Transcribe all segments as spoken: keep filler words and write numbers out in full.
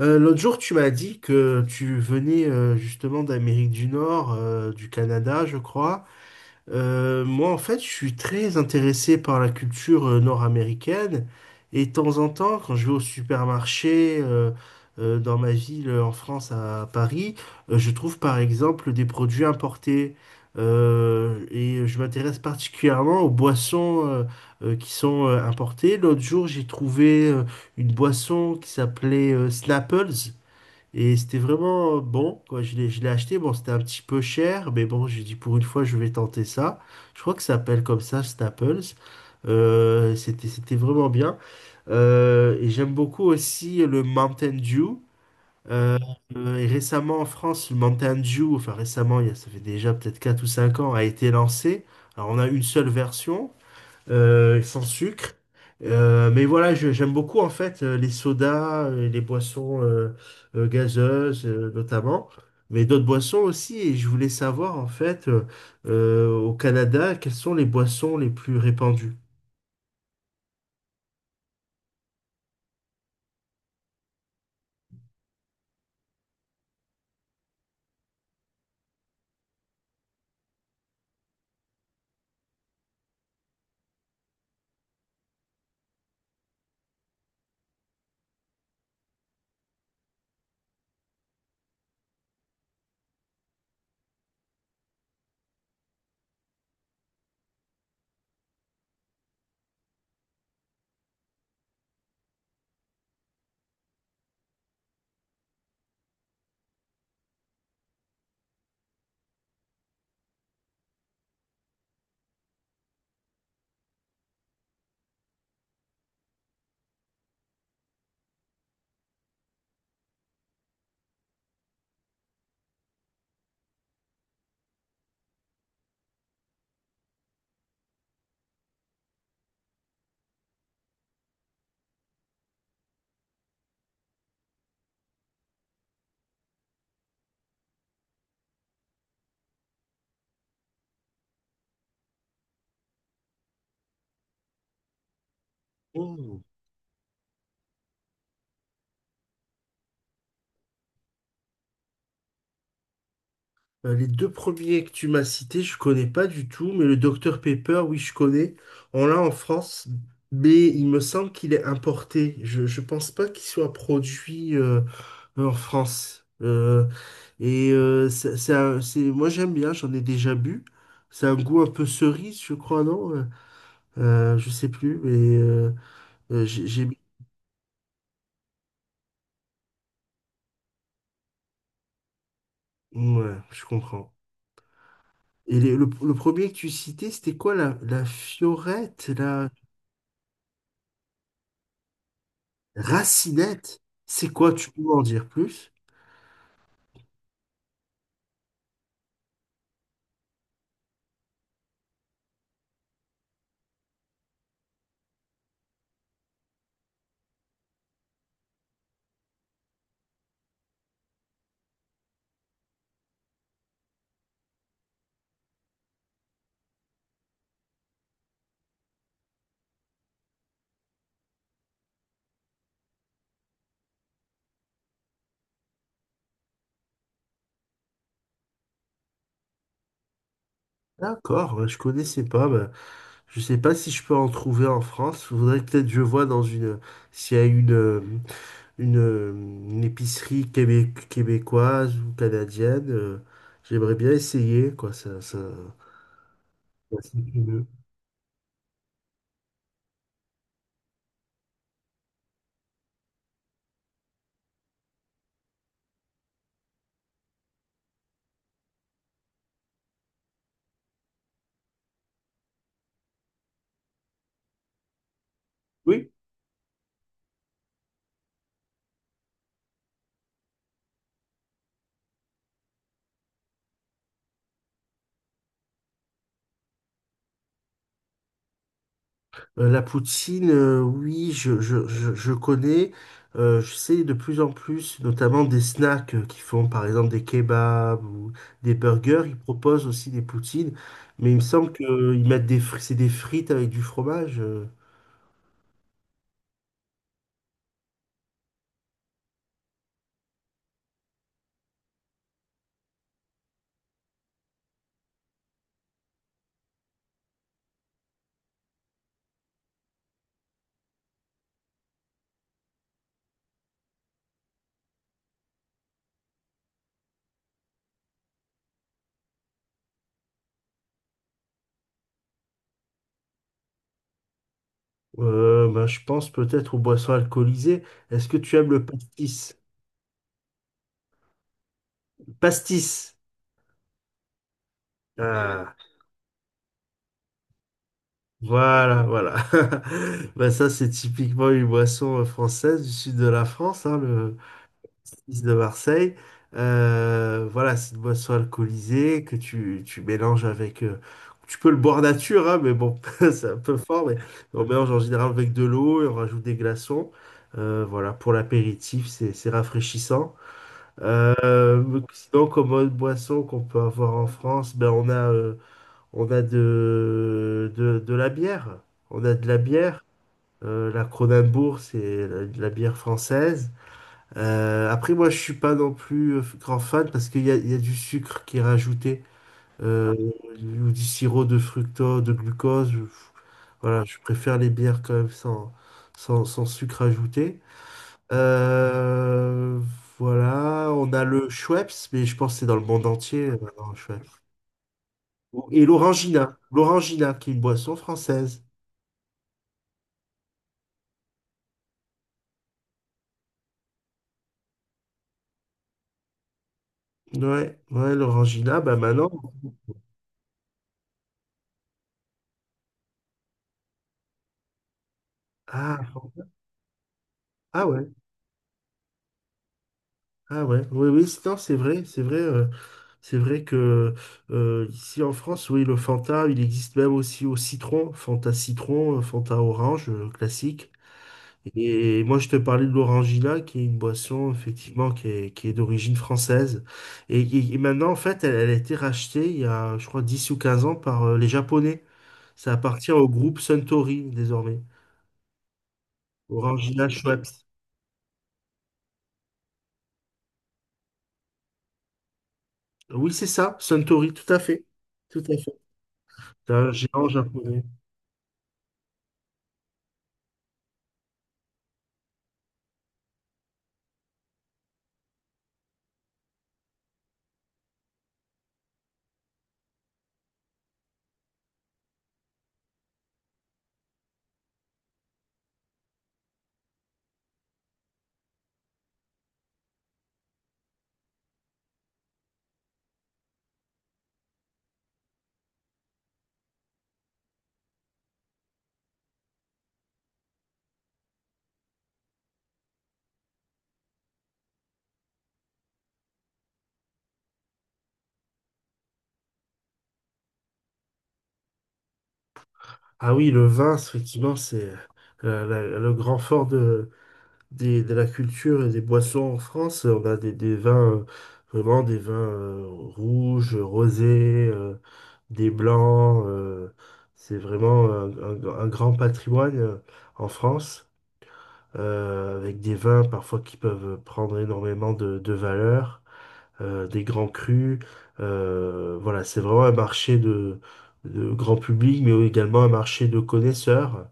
Euh, l'autre jour, tu m'as dit que tu venais euh, justement d'Amérique du Nord, euh, du Canada, je crois, euh, moi, en fait, je suis très intéressé par la culture euh, nord-américaine. Et de temps en temps, quand je vais au supermarché euh, euh, dans ma ville euh, en France, à Paris, euh, je trouve par exemple des produits importés. Euh, et je m'intéresse particulièrement aux boissons euh, euh, qui sont euh, importées. L'autre jour, j'ai trouvé euh, une boisson qui s'appelait euh, Snapples. Et c'était vraiment euh, bon, quoi. Je l'ai, je l'ai acheté. Bon, c'était un petit peu cher, mais bon, j'ai dit pour une fois, je vais tenter ça. Je crois que ça s'appelle comme ça, Staples. Euh, c'était, c'était vraiment bien. Euh, et j'aime beaucoup aussi le Mountain Dew. Euh, euh, et récemment en France, le Mountain Dew, enfin récemment, il y a- ça fait déjà peut-être quatre ou cinq ans, a été lancé. Alors on a une seule version euh, sans sucre. Euh, mais voilà, je- j'aime beaucoup en fait euh, les sodas, euh, les boissons euh, euh, gazeuses euh, notamment, mais d'autres boissons aussi. Et je voulais savoir en fait euh, euh, au Canada, quelles sont les boissons les plus répandues? Oh. Euh, les deux premiers que tu m'as cités, je connais pas du tout, mais le Dr Pepper, oui, je connais. On l'a en France, mais il me semble qu'il est importé. Je, je pense pas qu'il soit produit euh, en France. Euh, et euh, c'est, c'est un- c'est- moi j'aime bien, j'en ai déjà bu. C'est un goût un peu cerise, je crois, non? Euh, euh, je sais plus, mais euh, euh, j'ai, j'ai- Ouais, je comprends. Et les- le, le premier que tu citais, c'était quoi la, la fiorette, la racinette? C'est quoi? Tu peux m'en dire plus? D'accord, euh, je connaissais pas. Bah, je sais pas si je peux en trouver en France. Faudrait peut-être que je vois dans une, s'il y a une. euh, une, euh, une épicerie québé québécoise ou canadienne. Euh, j'aimerais bien essayer, quoi. Ça, ça, ça, c'est curieux. Oui. Euh, la poutine, euh, oui, je, je, je, je connais. Euh, je sais de plus en plus, notamment des snacks euh, qui font par exemple des kebabs ou des burgers. Ils proposent aussi des poutines, mais il me semble qu'ils mettent des frites, c'est des frites avec du fromage. euh. Euh, ben, je pense peut-être aux boissons alcoolisées. Est-ce que tu aimes le pastis? Pastis. Ah, voilà, voilà. Bah ça, c'est typiquement une boisson euh, française du sud de la France, hein, le six de Marseille. Euh, voilà, c'est une boisson alcoolisée que tu, tu mélanges avec... euh, tu peux le boire nature, hein, mais bon, c'est un peu fort, mais on mélange en général avec de l'eau et on rajoute des glaçons. Euh, voilà, pour l'apéritif, c'est c'est rafraîchissant. Euh, Sinon, comme autre boisson qu'on peut avoir en France, ben on a... euh, On a de, de, de la bière. On a de la bière. Euh, la Kronenbourg, c'est la, de la bière française. Euh, après, moi, je suis pas non plus euh, grand fan parce qu'il y a, il y a du sucre qui est rajouté euh, ou du sirop de fructose, de glucose. Je- Voilà, je préfère les bières quand même sans, sans, sans sucre ajouté. Euh, voilà, on a le Schweppes, mais je pense que c'est dans le monde entier euh, maintenant, le Schweppes. Et l'orangina. L'orangina, qui est une boisson française. Ouais, ouais, l'orangina, bah maintenant. Ah, ah ouais, ah ouais, oui, oui, c'est- non, c'est vrai, c'est vrai. Euh, c'est vrai que euh, ici en France, oui, le Fanta, il existe même aussi au citron, Fanta citron, euh, Fanta orange, euh, classique. Et moi, je te parlais de l'Orangina, qui est une boisson, effectivement, qui est, qui est d'origine française. Et, et- et maintenant, en fait, elle, elle a été rachetée il y a, je crois, dix ou quinze ans par euh, les Japonais. Ça appartient au groupe Suntory désormais. Orangina Schweppes. Oui, c'est ça, Suntory, tout à fait. Tout à fait. C'est un géant japonais. Ah oui, le vin, c'est- effectivement, c'est euh, la- le grand fort de, des- de la culture et des boissons en France. On a des, des vins, euh, vraiment des vins euh, rouges, rosés, euh, des blancs. Euh, c'est vraiment un, un- un grand patrimoine euh, en France, euh, avec des vins parfois qui peuvent prendre énormément de, de valeur, euh, des grands crus. Euh, voilà, c'est vraiment un marché de, de grand public, mais également un marché de connaisseurs.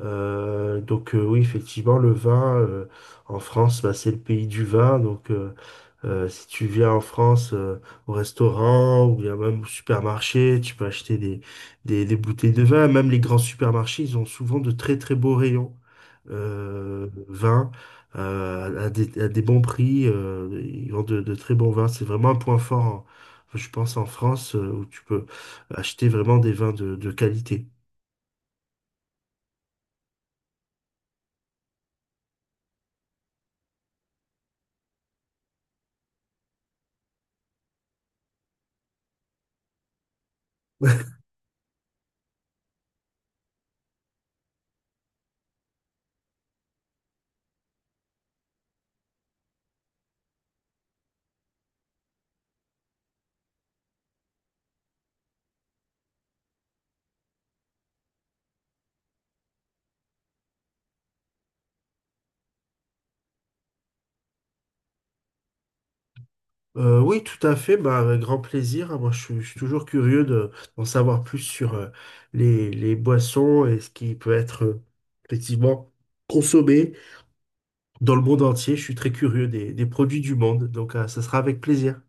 Euh, donc euh, oui, effectivement, le vin euh, en France, bah, c'est le pays du vin. Donc euh, euh, si tu viens en France euh, au restaurant ou bien même au supermarché, tu peux acheter des, des, des bouteilles de vin. Même les grands supermarchés, ils ont souvent de très très beaux rayons euh, vin euh, à des, à des bons prix. Euh, ils vendent de, de très bons vins. C'est vraiment un point fort, en- je pense, en France euh, où tu peux acheter vraiment des vins de, de qualité. Euh, oui, tout à fait, bah, avec grand plaisir, hein. Moi, je suis, je suis toujours curieux de, d'en savoir plus sur euh, les, les boissons et ce qui peut être euh, effectivement consommé dans le monde entier. Je suis très curieux des, des produits du monde, donc euh, ça sera avec plaisir.